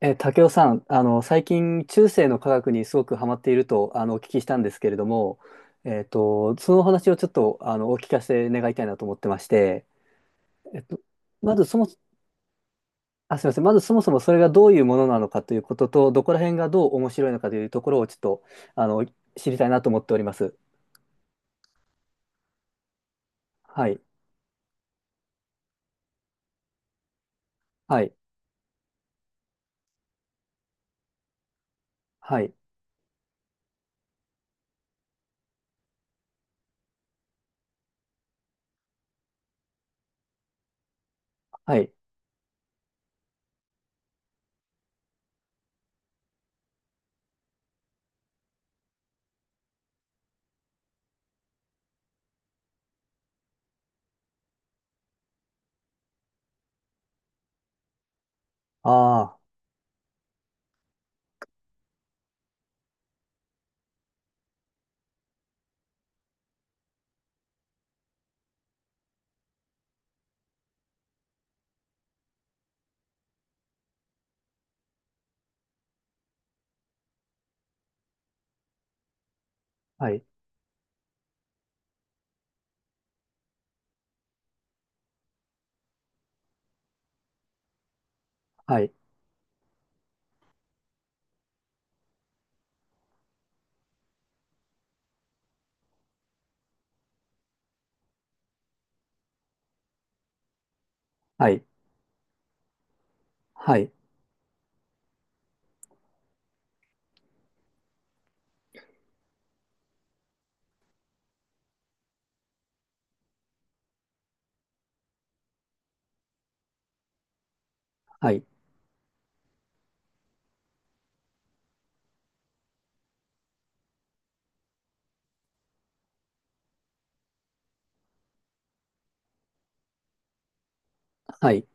ええ、たけおさん、最近中性の科学にすごくハマっているとお聞きしたんですけれども、そのお話をちょっとお聞かせ願いたいなと思ってまして、えっとまずそのあ、すいません、まずそもそもそれがどういうものなのかということとどこら辺がどう面白いのかというところをちょっとあの知りたいなと思っております。はい、はい、はい、はい、ああ、はい、はい、はい、はい、はい、はい、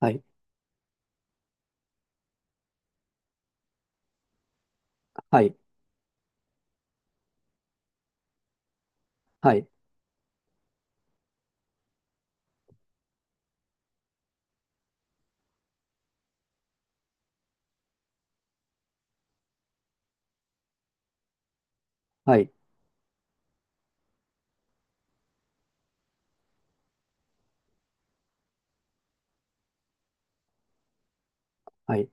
はい、はい、はい、はい、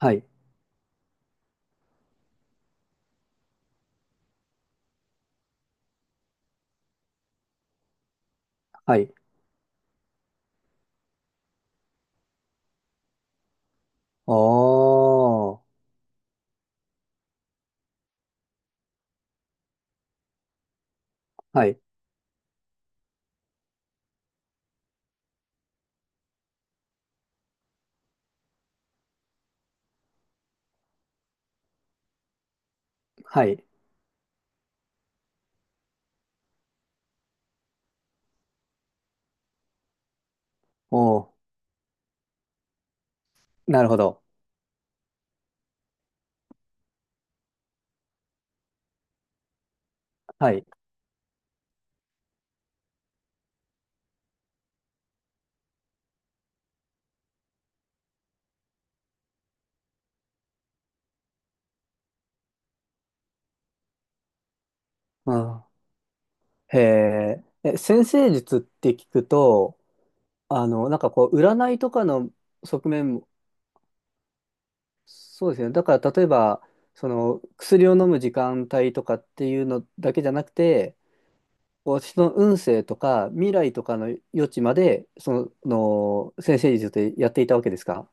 はい、はい。おー、はい、はい、おー、なるほど。はい。うん、へえ、え、先生術って聞くと、なんかこう、占いとかの側面も、そうですね。だから、例えば、その、薬を飲む時間帯とかっていうのだけじゃなくて、私の運勢とか未来とかの余地まで、その、先生術でやっていたわけですか？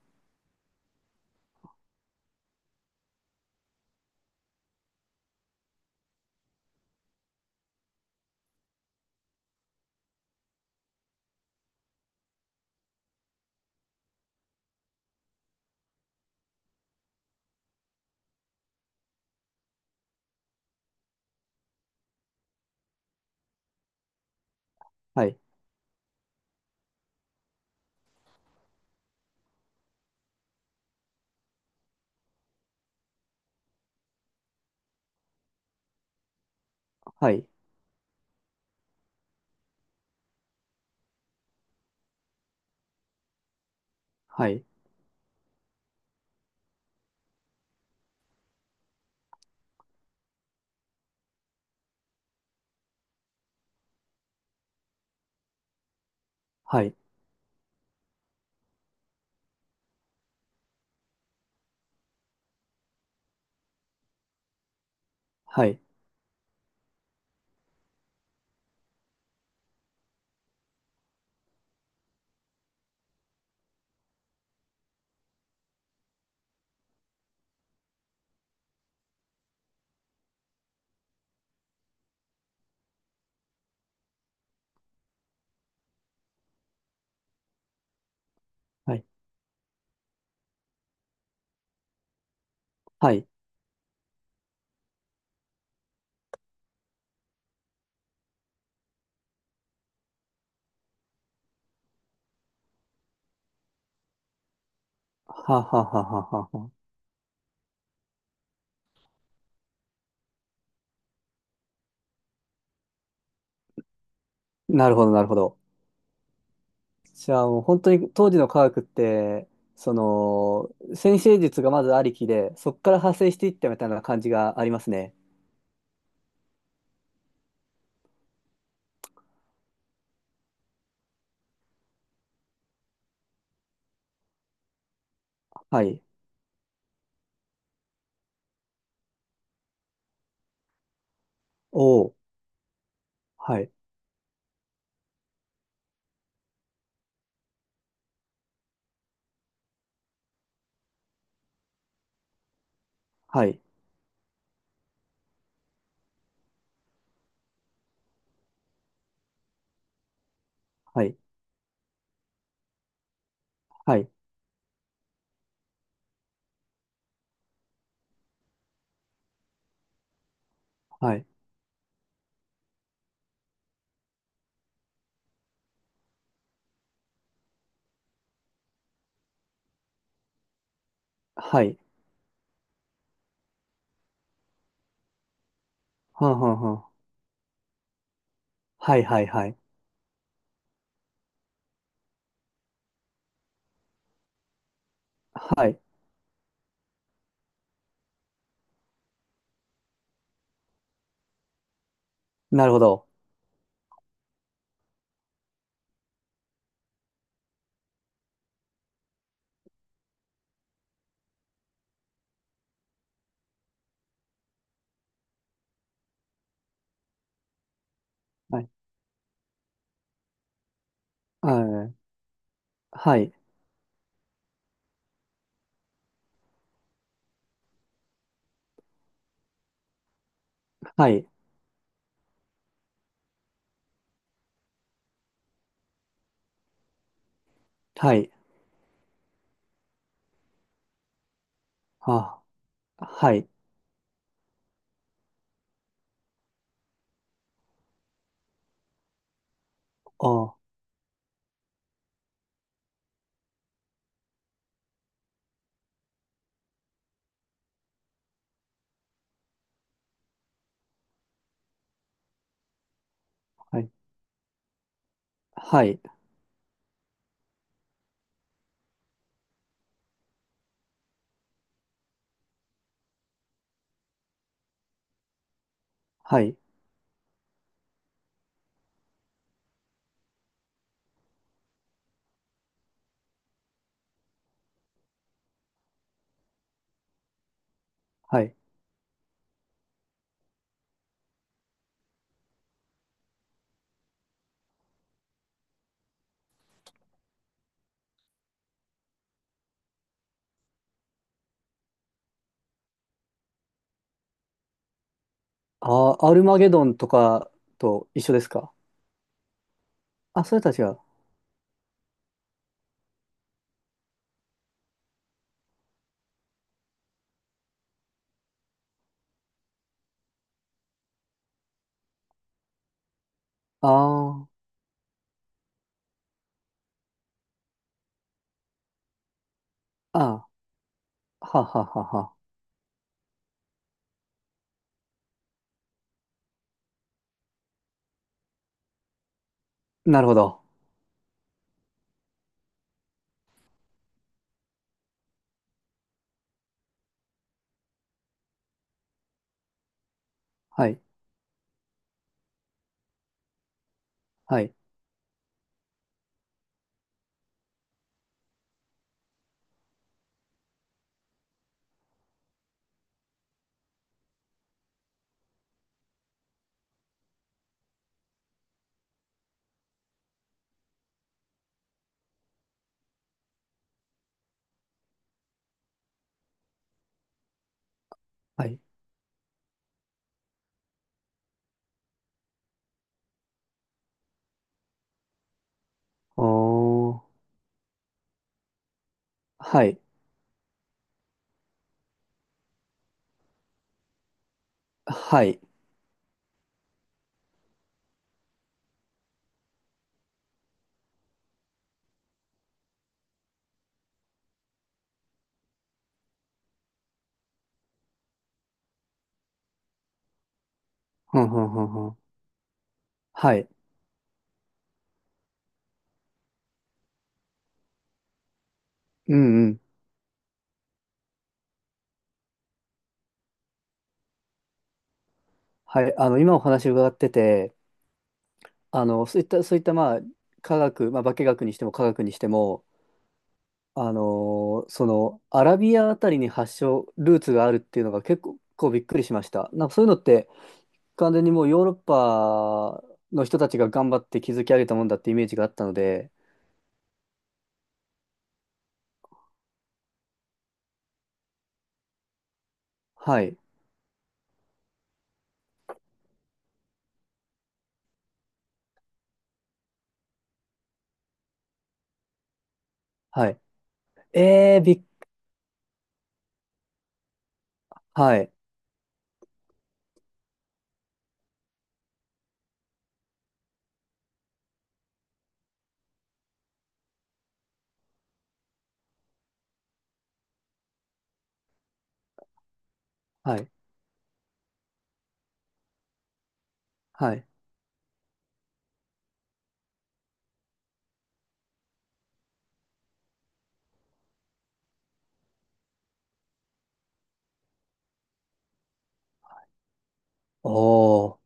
はい、はい、はい、はい、はい、はい、はい、はははははは。なるほど、なるほど。じゃあもう本当に当時の科学って、その、先生術がまずありきで、そこから派生していったみたいな感じがありますね。はい。おお。はい。はい。はい。はい。はい。はい。はんはんはん。はい。はい。はい。はい。なるほど。はい。はい。はい。はい。はい。あ。はい。ああ。はい。はい。はい。はい。ああ、アルマゲドンとかと一緒ですか？あ、それたちは。ああ。ああ。はははは。なるほど。はい。はい。はい。おー。はい。はい。ふんふんふんふん。はい。うんうん。はい。今お話伺ってて、そういった、まあ、科学、まあ、化学にしても科学にしても、アラビアあたりに発祥、ルーツがあるっていうのが結構、こうびっくりしました。なんかそういうのって、完全にもうヨーロッパの人たちが頑張って築き上げたもんだってイメージがあったので、はい。はい。えー、びっはい。はい。はい。おお。